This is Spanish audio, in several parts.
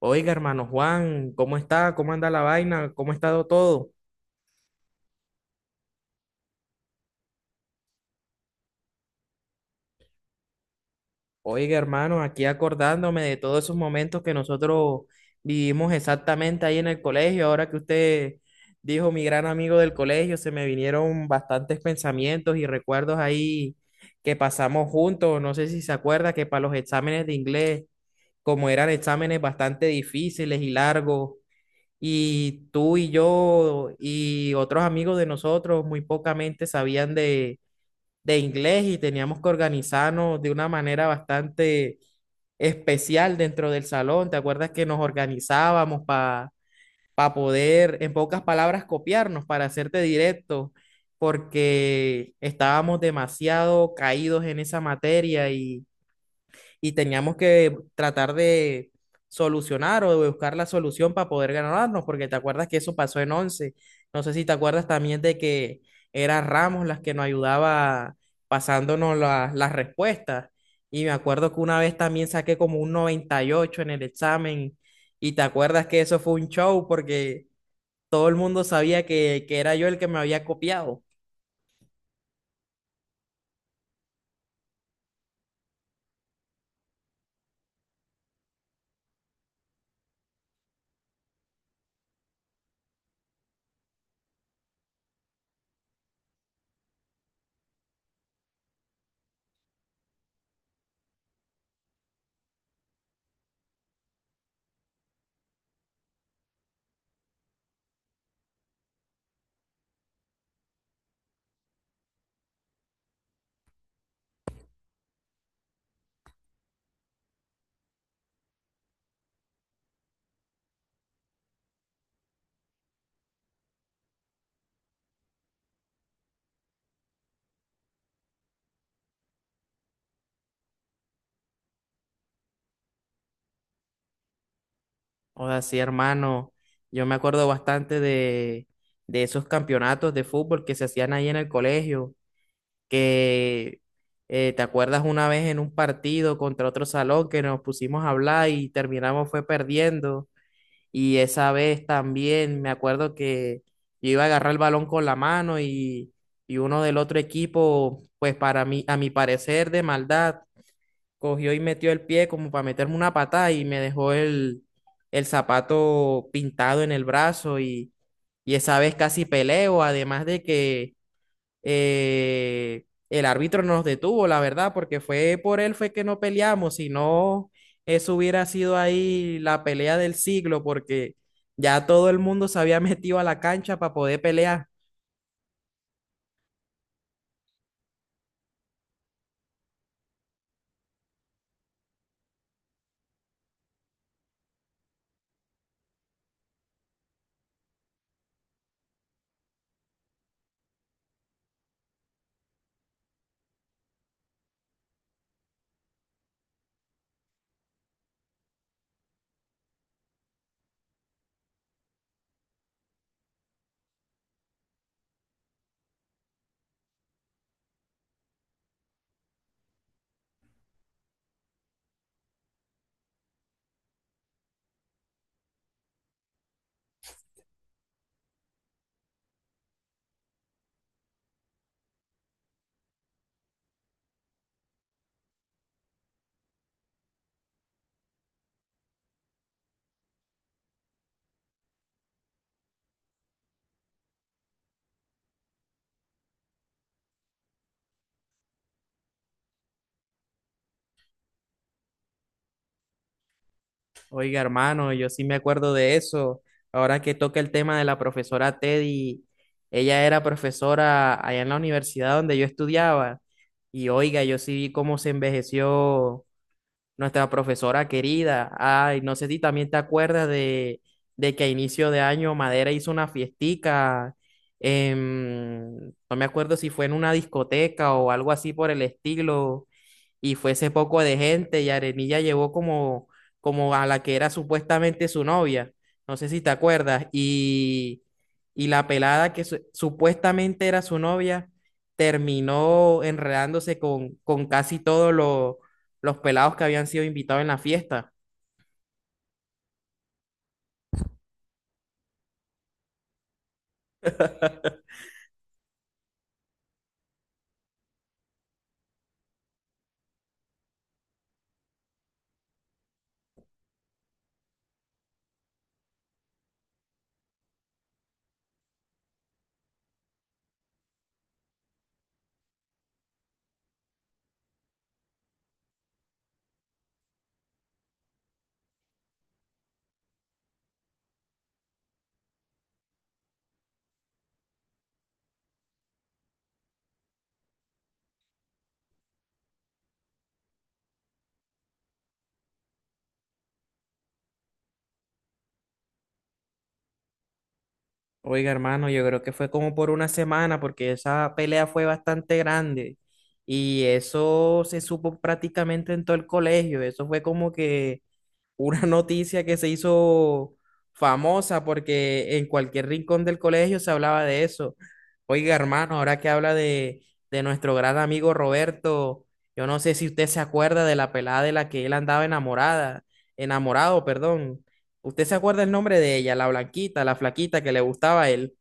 Oiga, hermano Juan, ¿cómo está? ¿Cómo anda la vaina? ¿Cómo ha estado todo? Oiga, hermano, aquí acordándome de todos esos momentos que nosotros vivimos exactamente ahí en el colegio. Ahora que usted dijo mi gran amigo del colegio, se me vinieron bastantes pensamientos y recuerdos ahí que pasamos juntos. No sé si se acuerda que para los exámenes de inglés, como eran exámenes bastante difíciles y largos, y tú y yo y otros amigos de nosotros muy pocamente sabían de inglés y teníamos que organizarnos de una manera bastante especial dentro del salón. ¿Te acuerdas que nos organizábamos para poder, en pocas palabras, copiarnos, para hacerte directo? Porque estábamos demasiado caídos en esa materia y teníamos que tratar de solucionar o de buscar la solución para poder ganarnos, porque te acuerdas que eso pasó en once. No sé si te acuerdas también de que era Ramos las que nos ayudaba pasándonos las respuestas. Y me acuerdo que una vez también saqué como un 98 en el examen. Y te acuerdas que eso fue un show porque todo el mundo sabía que era yo el que me había copiado. Joda, sí, hermano. Yo me acuerdo bastante de esos campeonatos de fútbol que se hacían ahí en el colegio, que te acuerdas una vez en un partido contra otro salón que nos pusimos a hablar y terminamos fue perdiendo. Y esa vez también me acuerdo que yo iba a agarrar el balón con la mano y uno del otro equipo, pues para mí, a mi parecer de maldad, cogió y metió el pie como para meterme una patada y me dejó el zapato pintado en el brazo y esa vez casi peleo, además de que el árbitro nos detuvo, la verdad, porque fue por él fue que no peleamos, si no, eso hubiera sido ahí la pelea del siglo, porque ya todo el mundo se había metido a la cancha para poder pelear. Oiga, hermano, yo sí me acuerdo de eso. Ahora que toca el tema de la profesora Teddy, ella era profesora allá en la universidad donde yo estudiaba. Y oiga, yo sí vi cómo se envejeció nuestra profesora querida. Ay, no sé si también te acuerdas de que a inicio de año Madera hizo una fiestica. en- no me acuerdo si fue en una discoteca o algo así por el estilo y fue ese poco de gente y Arenilla llevó como, como a la que era supuestamente su novia, no sé si te acuerdas, y la pelada que supuestamente era su novia terminó enredándose con casi todos los pelados que habían sido invitados en la fiesta. Oiga, hermano, yo creo que fue como por una semana porque esa pelea fue bastante grande. Y eso se supo prácticamente en todo el colegio. Eso fue como que una noticia que se hizo famosa porque en cualquier rincón del colegio se hablaba de eso. Oiga, hermano, ahora que habla de nuestro gran amigo Roberto, yo no sé si usted se acuerda de la pelada de la que él andaba enamorada, enamorado, perdón. ¿Usted se acuerda el nombre de ella, la blanquita, la flaquita que le gustaba a él?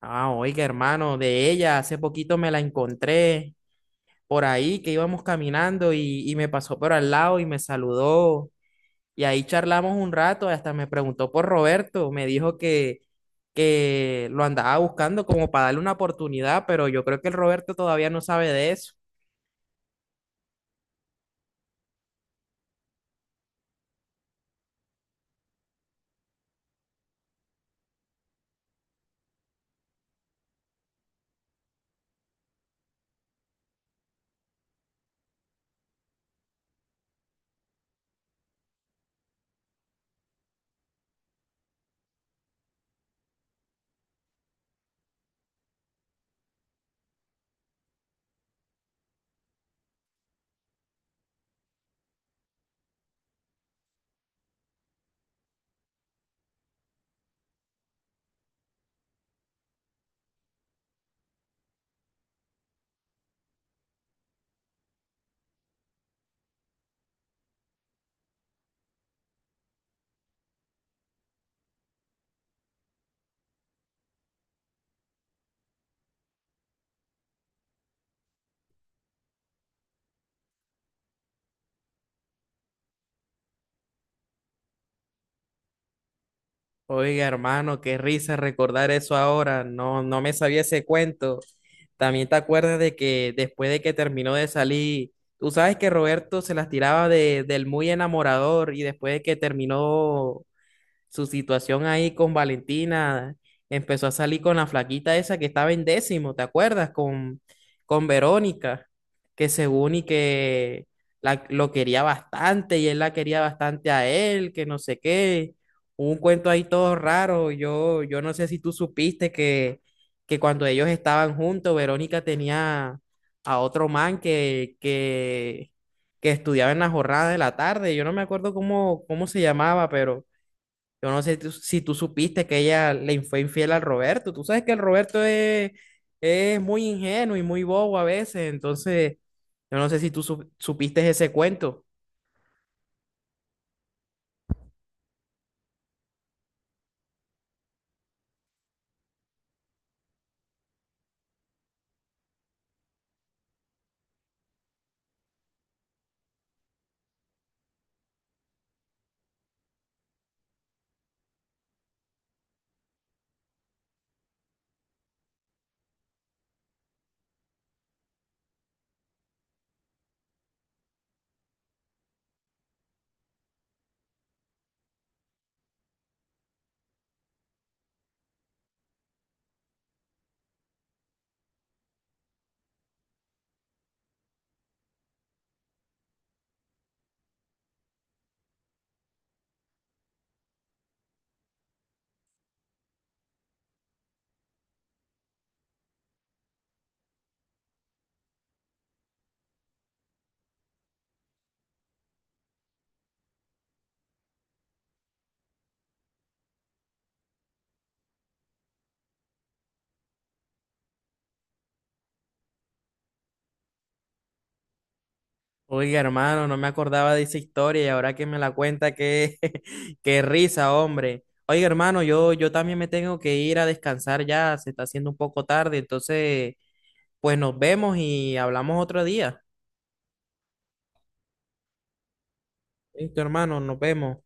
Ah, oiga, hermano, de ella hace poquito me la encontré por ahí que íbamos caminando y me pasó por al lado y me saludó. Y ahí charlamos un rato, hasta me preguntó por Roberto, me dijo que lo andaba buscando como para darle una oportunidad, pero yo creo que el Roberto todavía no sabe de eso. Oiga, hermano, qué risa recordar eso ahora, no, no me sabía ese cuento. También te acuerdas de que después de que terminó de salir, tú sabes que Roberto se las tiraba de, del muy enamorador y después de que terminó su situación ahí con Valentina, empezó a salir con la flaquita esa que estaba en décimo, ¿te acuerdas? Con Verónica, que según y que lo quería bastante y él la quería bastante a él, que no sé qué. Hubo un cuento ahí todo raro. Yo no sé si tú supiste que cuando ellos estaban juntos, Verónica tenía a otro man que estudiaba en la jornada de la tarde. Yo no me acuerdo cómo, cómo se llamaba, pero yo no sé si tú supiste que ella le fue infiel al Roberto. Tú sabes que el Roberto es muy ingenuo y muy bobo a veces. Entonces, yo no sé si tú supiste ese cuento. Oiga, hermano, no me acordaba de esa historia y ahora que me la cuenta, qué, qué risa, hombre. Oiga, hermano, yo también me tengo que ir a descansar ya. Se está haciendo un poco tarde. Entonces, pues nos vemos y hablamos otro día. Listo, hermano, nos vemos.